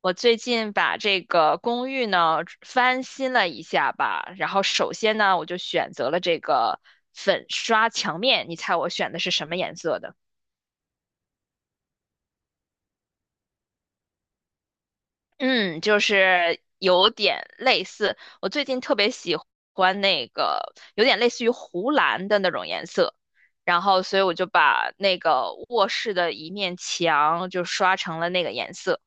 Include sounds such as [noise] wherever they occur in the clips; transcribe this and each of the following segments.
我最近把这个公寓呢翻新了一下吧，然后首先呢，我就选择了这个粉刷墙面，你猜我选的是什么颜色的？嗯，就是有点类似，我最近特别喜欢那个有点类似于湖蓝的那种颜色，然后所以我就把那个卧室的一面墙就刷成了那个颜色。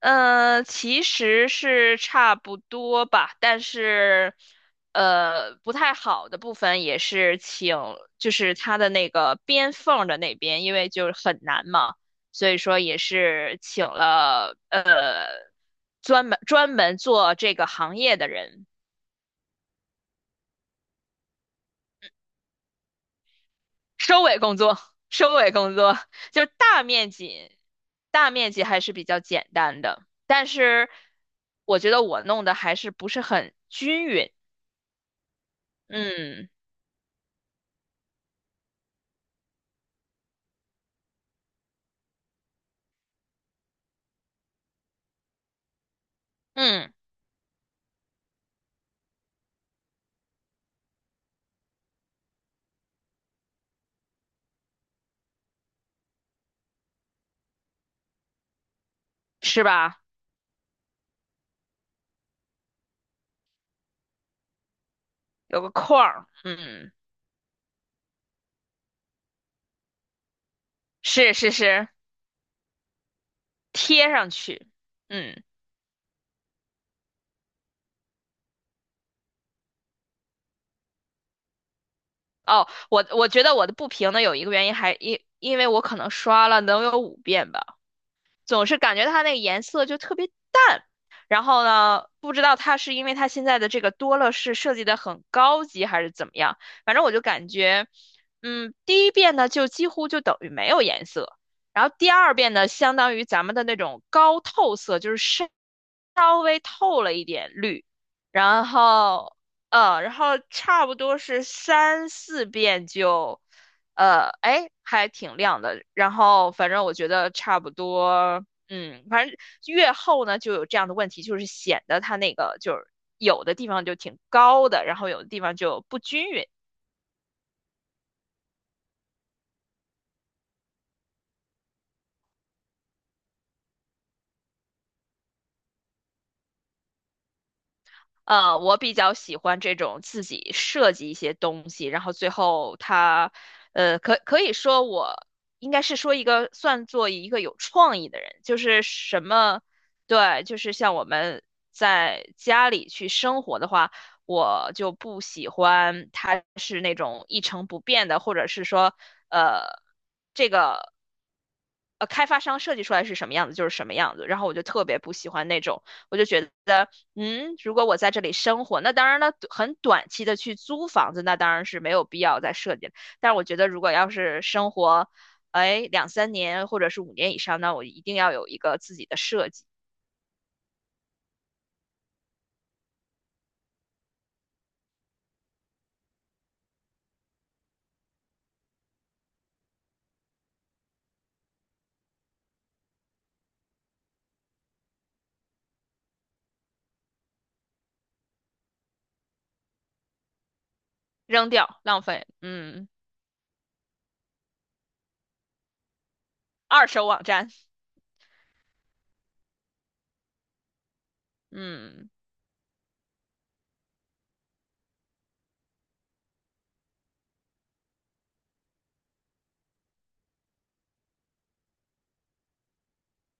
其实是差不多吧，但是，不太好的部分也是请，就是它的那个边缝的那边，因为就是很难嘛，所以说也是请了专门做这个行业的人，收尾工作，收尾工作就是大面积，大面积还是比较简单的，但是我觉得我弄的还是不是很均匀。嗯嗯，是吧？有个框儿，嗯，是是是，贴上去，嗯，哦，我觉得我的不平呢，有一个原因还因为我可能刷了能有5遍吧。总是感觉它那个颜色就特别淡。然后呢，不知道它是因为它现在的这个多乐士设计的很高级，还是怎么样。反正我就感觉，第一遍呢就几乎就等于没有颜色，然后第二遍呢相当于咱们的那种高透色，就是深稍微透了一点绿，然后然后差不多是3、4遍就。哎，还挺亮的。然后反正我觉得差不多，反正越厚呢就有这样的问题，就是显得它那个就是有的地方就挺高的，然后有的地方就不均匀。我比较喜欢这种自己设计一些东西，然后最后它，可以说我应该是说一个算作一个有创意的人，就是什么，对，就是像我们在家里去生活的话，我就不喜欢它是那种一成不变的，或者是说，呃，这个。开发商设计出来是什么样子就是什么样子，然后我就特别不喜欢那种，我就觉得，如果我在这里生活，那当然了，很短期的去租房子，那当然是没有必要再设计了。但是我觉得，如果要是生活，哎，2、3年或者是5年以上，那我一定要有一个自己的设计，扔掉，浪费，嗯，二手网站，嗯，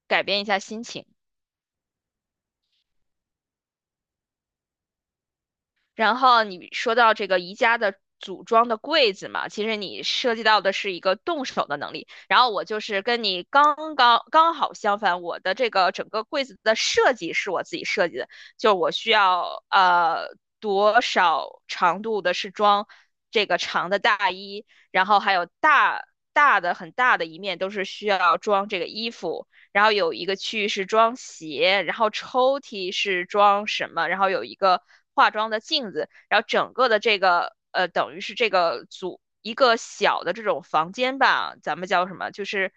改变一下心情。然后你说到这个宜家的组装的柜子嘛，其实你涉及到的是一个动手的能力。然后我就是跟你刚刚好相反，我的这个整个柜子的设计是我自己设计的，就是我需要多少长度的是装这个长的大衣，然后还有大大的很大的一面都是需要装这个衣服，然后有一个区域是装鞋，然后抽屉是装什么，然后有一个化妆的镜子，然后整个的这个等于是这个组一个小的这种房间吧，咱们叫什么？就是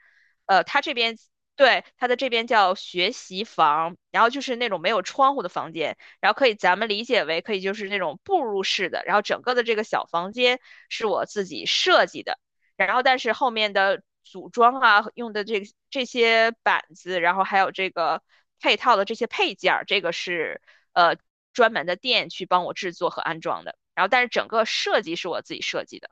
它这边对它的这边叫学习房，然后就是那种没有窗户的房间，然后可以咱们理解为可以就是那种步入式的，然后整个的这个小房间是我自己设计的。然后但是后面的组装啊，用的这些板子，然后还有这个配套的这些配件儿，这个是呃专门的店去帮我制作和安装的。然后但是整个设计是我自己设计的。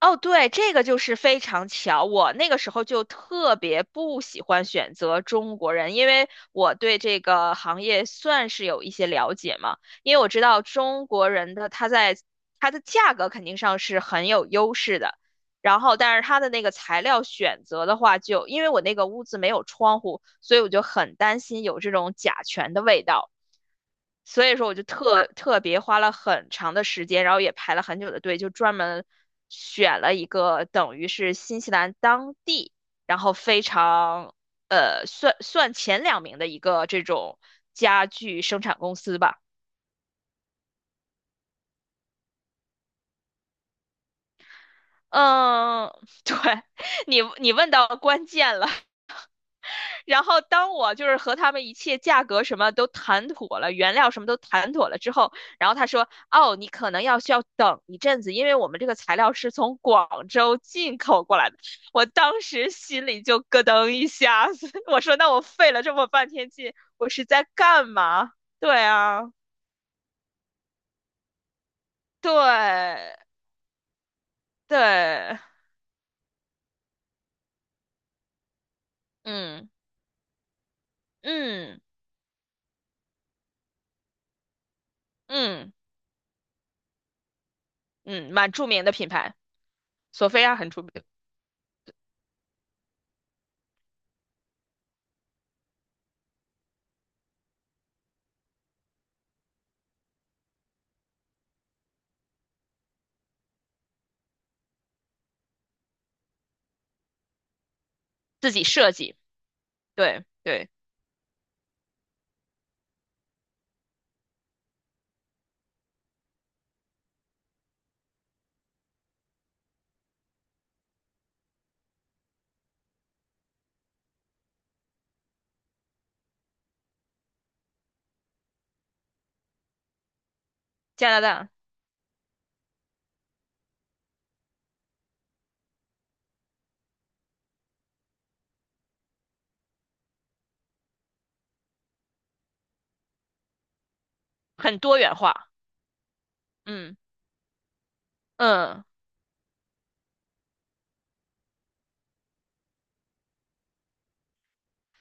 哦，对，这个就是非常巧。我那个时候就特别不喜欢选择中国人，因为我对这个行业算是有一些了解嘛。因为我知道中国人的他的价格肯定上是很有优势的，然后但是他的那个材料选择的话就，因为我那个屋子没有窗户，所以我就很担心有这种甲醛的味道。所以说我就特别花了很长的时间，然后也排了很久的队，就专门选了一个等于是新西兰当地，然后非常算算前两名的一个这种家具生产公司吧。嗯，[laughs] 对，你问到关键了，然后当我就是和他们一切价格什么都谈妥了，原料什么都谈妥了之后，然后他说：“哦，你可能需要等一阵子，因为我们这个材料是从广州进口过来的。”我当时心里就咯噔一下子，[laughs] 我说：“那我费了这么半天劲，我是在干嘛？”对啊，对对，嗯嗯嗯嗯，蛮著名的品牌，索菲亚很出名，自己设计，对对，加拿大。很多元化。嗯嗯，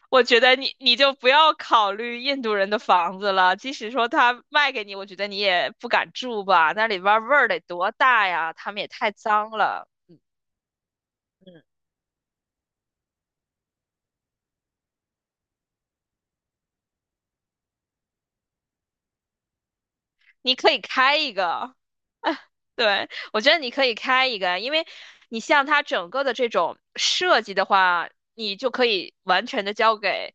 我觉得你就不要考虑印度人的房子了，即使说他卖给你，我觉得你也不敢住吧，那里边儿味儿得多大呀，他们也太脏了。嗯。你可以开一个。[laughs] 对，我觉得你可以开一个，因为你像它整个的这种设计的话，你就可以完全的交给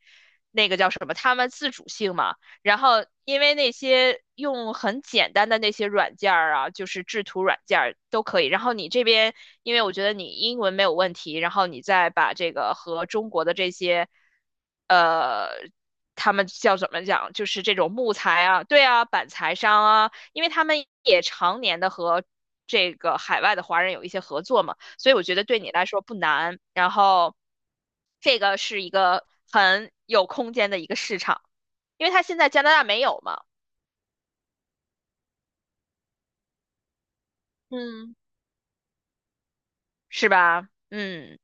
那个叫什么，他们自主性嘛。然后，因为那些用很简单的那些软件儿啊，就是制图软件儿都可以。然后你这边，因为我觉得你英文没有问题，然后你再把这个和中国的这些。呃。他们叫怎么讲，就是这种木材啊，对啊，板材商啊，因为他们也常年的和这个海外的华人有一些合作嘛，所以我觉得对你来说不难。然后，这个是一个很有空间的一个市场，因为它现在加拿大没有嘛，嗯，是吧？嗯。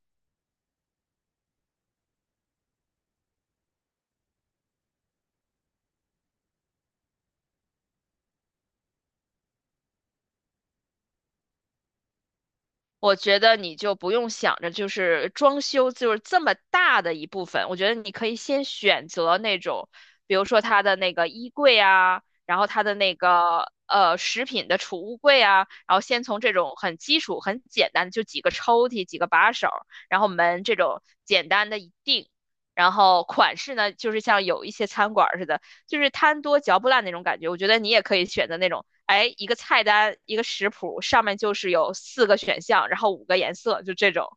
我觉得你就不用想着就是装修就是这么大的一部分，我觉得你可以先选择那种，比如说它的那个衣柜啊，然后它的那个食品的储物柜啊，然后先从这种很基础、很简单的就几个抽屉、几个把手，然后门这种简单的一定，然后款式呢，就是像有一些餐馆儿似的，就是贪多嚼不烂那种感觉。我觉得你也可以选择那种哎，一个菜单，一个食谱，上面就是有四个选项，然后五个颜色，就这种。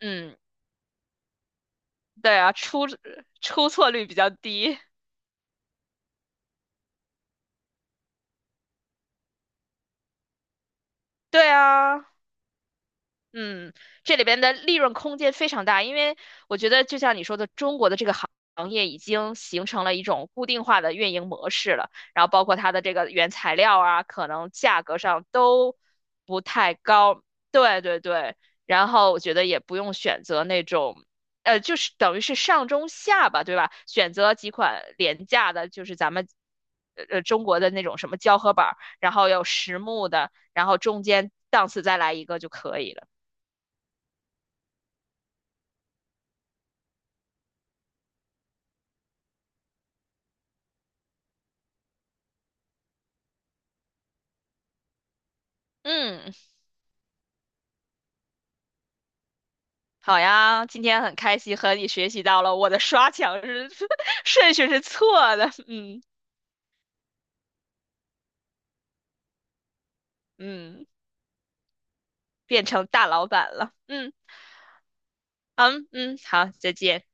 嗯，对啊，出错率比较低。对啊，嗯，这里边的利润空间非常大，因为我觉得就像你说的，中国的这个行业已经形成了一种固定化的运营模式了，然后包括它的这个原材料啊，可能价格上都不太高。对对对，然后我觉得也不用选择那种，就是等于是上中下吧，对吧？选择几款廉价的，就是咱们。中国的那种什么胶合板儿，然后有实木的，然后中间档次再来一个就可以了。嗯，好呀，今天很开心和你学习到了我的刷墙是 [laughs] 顺序是错的，嗯嗯，变成大老板了，嗯，嗯嗯，好，再见。